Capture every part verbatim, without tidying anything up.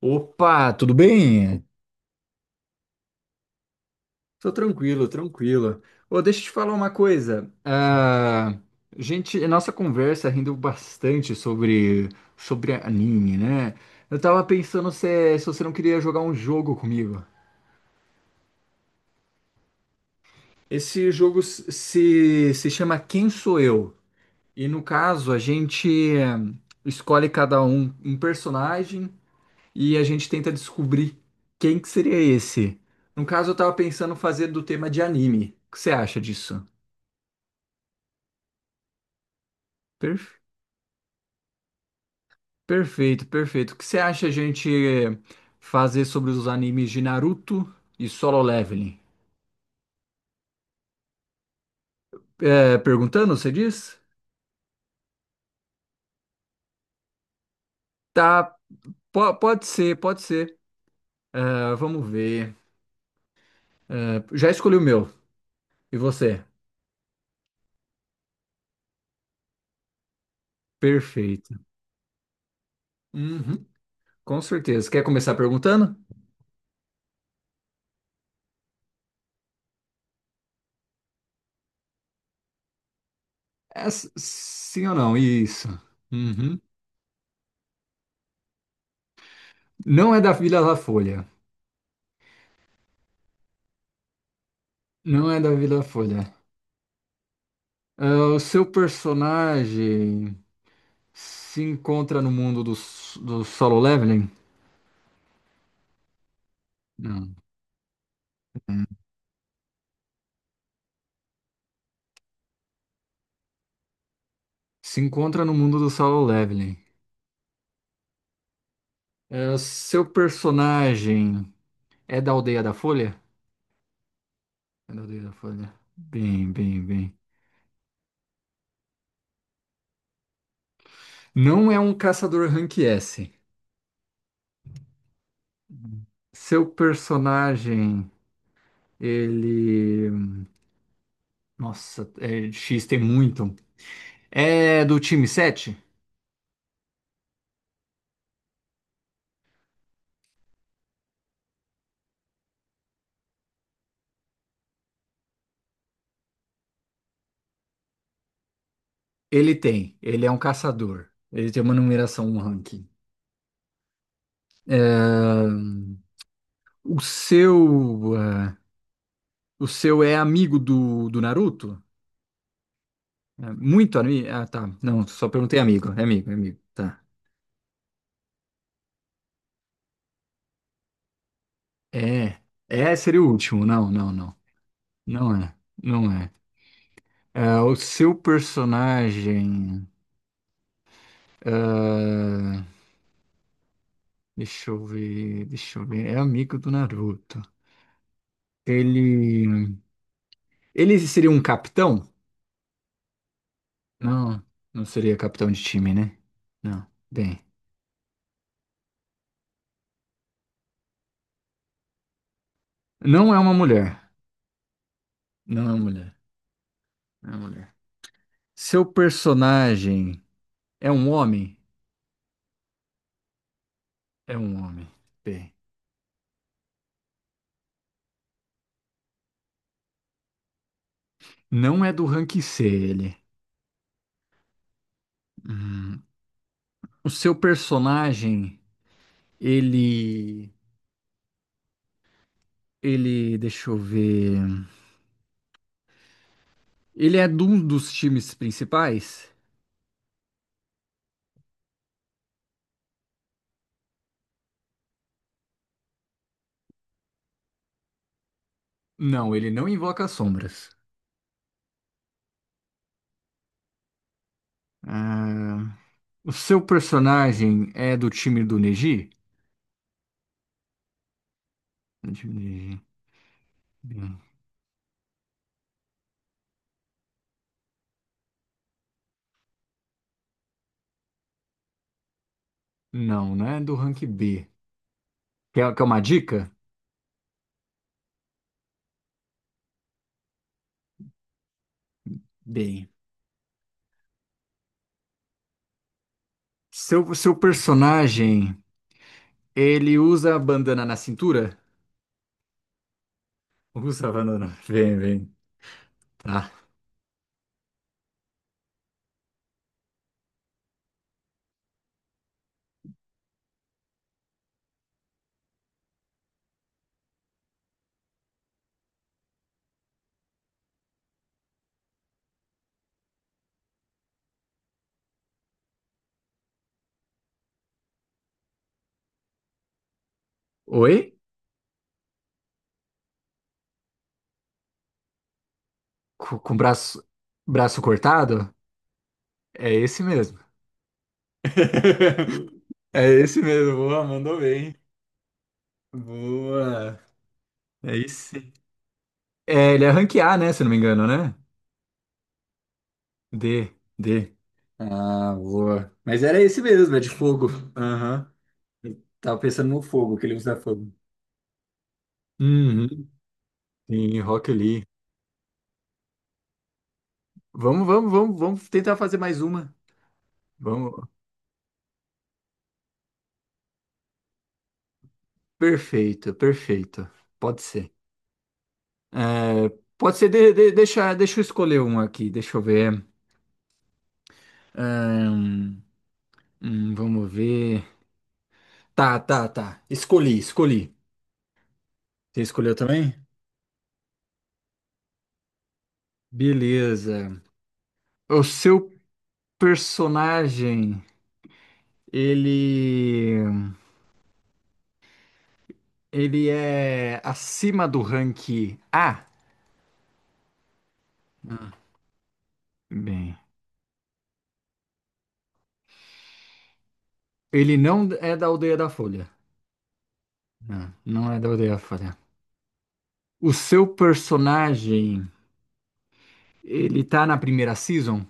Opa, tudo bem? Tô tranquilo, tranquilo. Ô, deixa eu te falar uma coisa. Ah, gente, a nossa conversa rendeu bastante sobre, sobre anime, né? Eu tava pensando se, se você não queria jogar um jogo comigo. Esse jogo se, se se chama Quem Sou Eu? E no caso, a gente eh, escolhe cada um um personagem e a gente tenta descobrir quem que seria esse. No caso, eu tava pensando fazer do tema de anime. O que você acha disso? Perf- Perfeito, perfeito. O que você acha a gente fazer sobre os animes de Naruto e Solo Leveling? É, perguntando, você diz? Tá, po- pode ser, pode ser. Ah, vamos ver. Ah, já escolhi o meu. E você? Perfeito. Uhum, com certeza. Quer começar perguntando? É, s- sim ou não? Isso. Uhum. Não é da Vila da Folha. Não é da Folha. Ah, o seu personagem se encontra no mundo do, s- do Solo Leveling? Não. Se encontra no mundo do Solo Leveling. É, seu personagem é da Aldeia da Folha? É da Aldeia da Folha. Bem, bem, bem. Não é um caçador rank S. Seu personagem, ele. Nossa, é, X tem muito. É do time sete? Ele tem, ele é um caçador. Ele tem uma numeração, um ranking. É. O seu, é, o seu é amigo do, do Naruto? É, muito amigo? Ah, tá. Não, só perguntei amigo. É amigo, é amigo. Tá. É, é seria o último. Não, não, não. Não é, não é. É, o seu personagem. é, Deixa eu ver, deixa eu ver. É amigo do Naruto. Ele, Ele seria um capitão? Não, não seria capitão de time, né? Não. Bem, não é uma mulher. Não é uma mulher. Não é uma mulher. Seu personagem é um homem? É um homem. Bem, não é do rank C ele. Hum. O seu personagem, ele, ele, deixa eu ver. Ele é de um dos times principais? Não, ele não invoca sombras. Ah, o seu personagem é do time do Neji? Do time do Neji. Não, não é do rank B. Quer, quer uma dica? Bem. Seu, seu personagem, ele usa a bandana na cintura? Usa a bandana. Vem, vem. Tá. Oi? Com, com o braço, braço cortado? É esse mesmo. É esse mesmo, boa, mandou bem. Boa. É isso. É, ele é rank A, né? Se eu não me engano, né? D, D. Ah, boa. Mas era esse mesmo, é de fogo. Aham. Tava pensando no fogo, que ele usa fogo. Uhum. Sim, Rock Lee. Vamos, vamos, vamos, vamos tentar fazer mais uma. Vamos. Perfeito, perfeito. Pode ser. É, pode ser, de- de- deixa, deixa eu escolher um aqui, deixa eu ver. Ahn, hum, hum, vamos ver. Tá, tá, tá. Escolhi, escolhi. Você escolheu também? Beleza. O seu personagem, ele, ele é acima do rank A? Ah, bem. Ele não é da Aldeia da Folha. Não, não é da Aldeia da Folha. O seu personagem, ele tá na primeira season?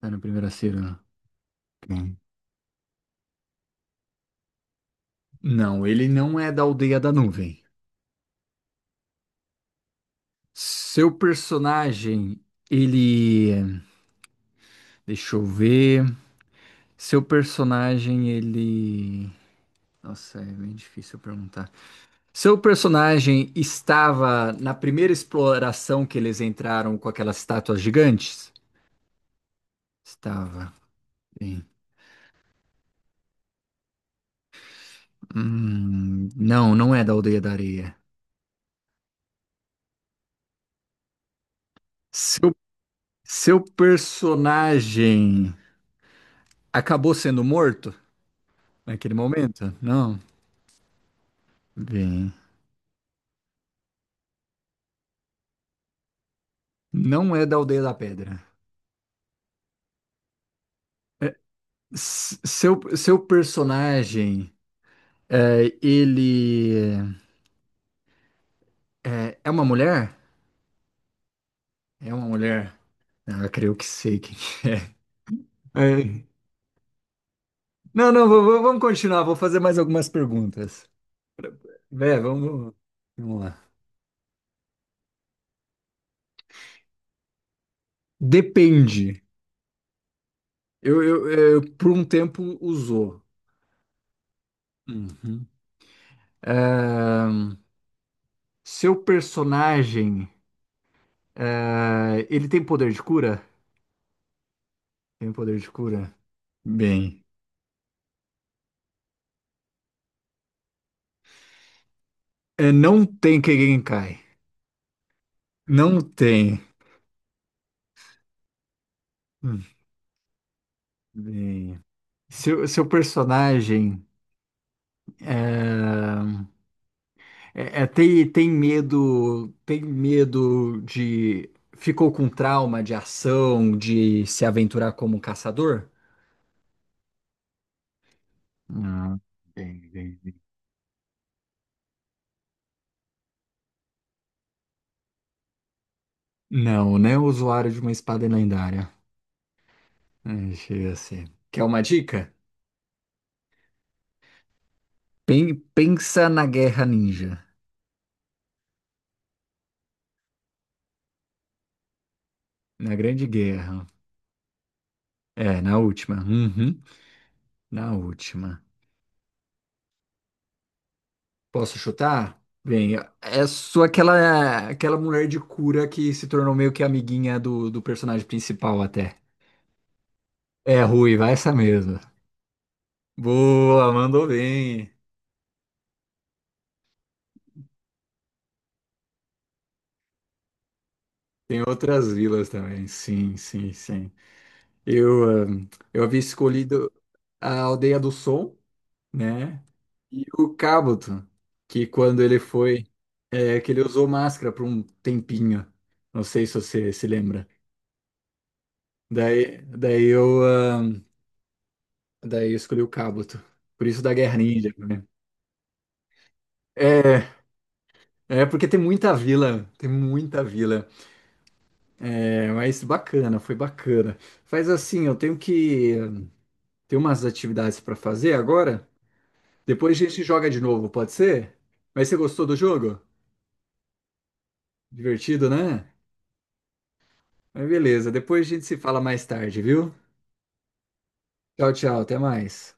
Tá na primeira season. Hum. Não, ele não é da Aldeia da Nuvem. Seu personagem, ele. Deixa eu ver. Seu personagem, ele. Nossa, é bem difícil perguntar. Seu personagem estava na primeira exploração que eles entraram com aquelas estátuas gigantes? Estava. Bem. Hum, não, não é da Aldeia da Areia. Seu, seu personagem acabou sendo morto naquele momento? Não. Bem, não é da Aldeia da Pedra. É, s- seu, seu personagem, é, ele é, é uma mulher? É uma mulher. Ah, eu creio que sei quem é. É. Não, não, v- v- vamos continuar. Vou fazer mais algumas perguntas. Vé, vamos, vamos lá. Depende. Eu, eu, eu, por um tempo usou. Uhum. Ahn, seu personagem, ah, ele tem poder de cura? Tem poder de cura? Bem, é, não tem Kegenkai. Não tem. Hum. Bem, seu, seu personagem ah, é, é, tem, tem medo, tem medo de ficou com trauma de ação, de se aventurar como caçador? Não, bem, bem. Não, né? O usuário de uma espada lendária. É, chega a ser. Quer uma dica? Pen- pensa na Guerra Ninja. Na Grande Guerra. É, na última. Uhum, na última. Posso chutar? Bem, é só aquela, aquela mulher de cura que se tornou meio que amiguinha do, do personagem principal até. É, ruiva, essa mesmo. Boa, mandou bem. Tem outras vilas também. Sim, sim, sim. Eu, ah, eu havia escolhido a Aldeia do Som. Né? E o Cabuto, que quando ele foi, é, que ele usou máscara por um tempinho. Não sei se você se lembra. Daí, daí eu, ahn, daí eu escolhi o Cabuto. Por isso da Guerra Ninja, né? É, é porque tem muita vila, tem muita vila. É, mas bacana, foi bacana. Faz assim, eu tenho que ter umas atividades para fazer agora. Depois a gente joga de novo, pode ser? Mas você gostou do jogo? Divertido, né? Mas beleza, depois a gente se fala mais tarde, viu? Tchau, tchau, até mais.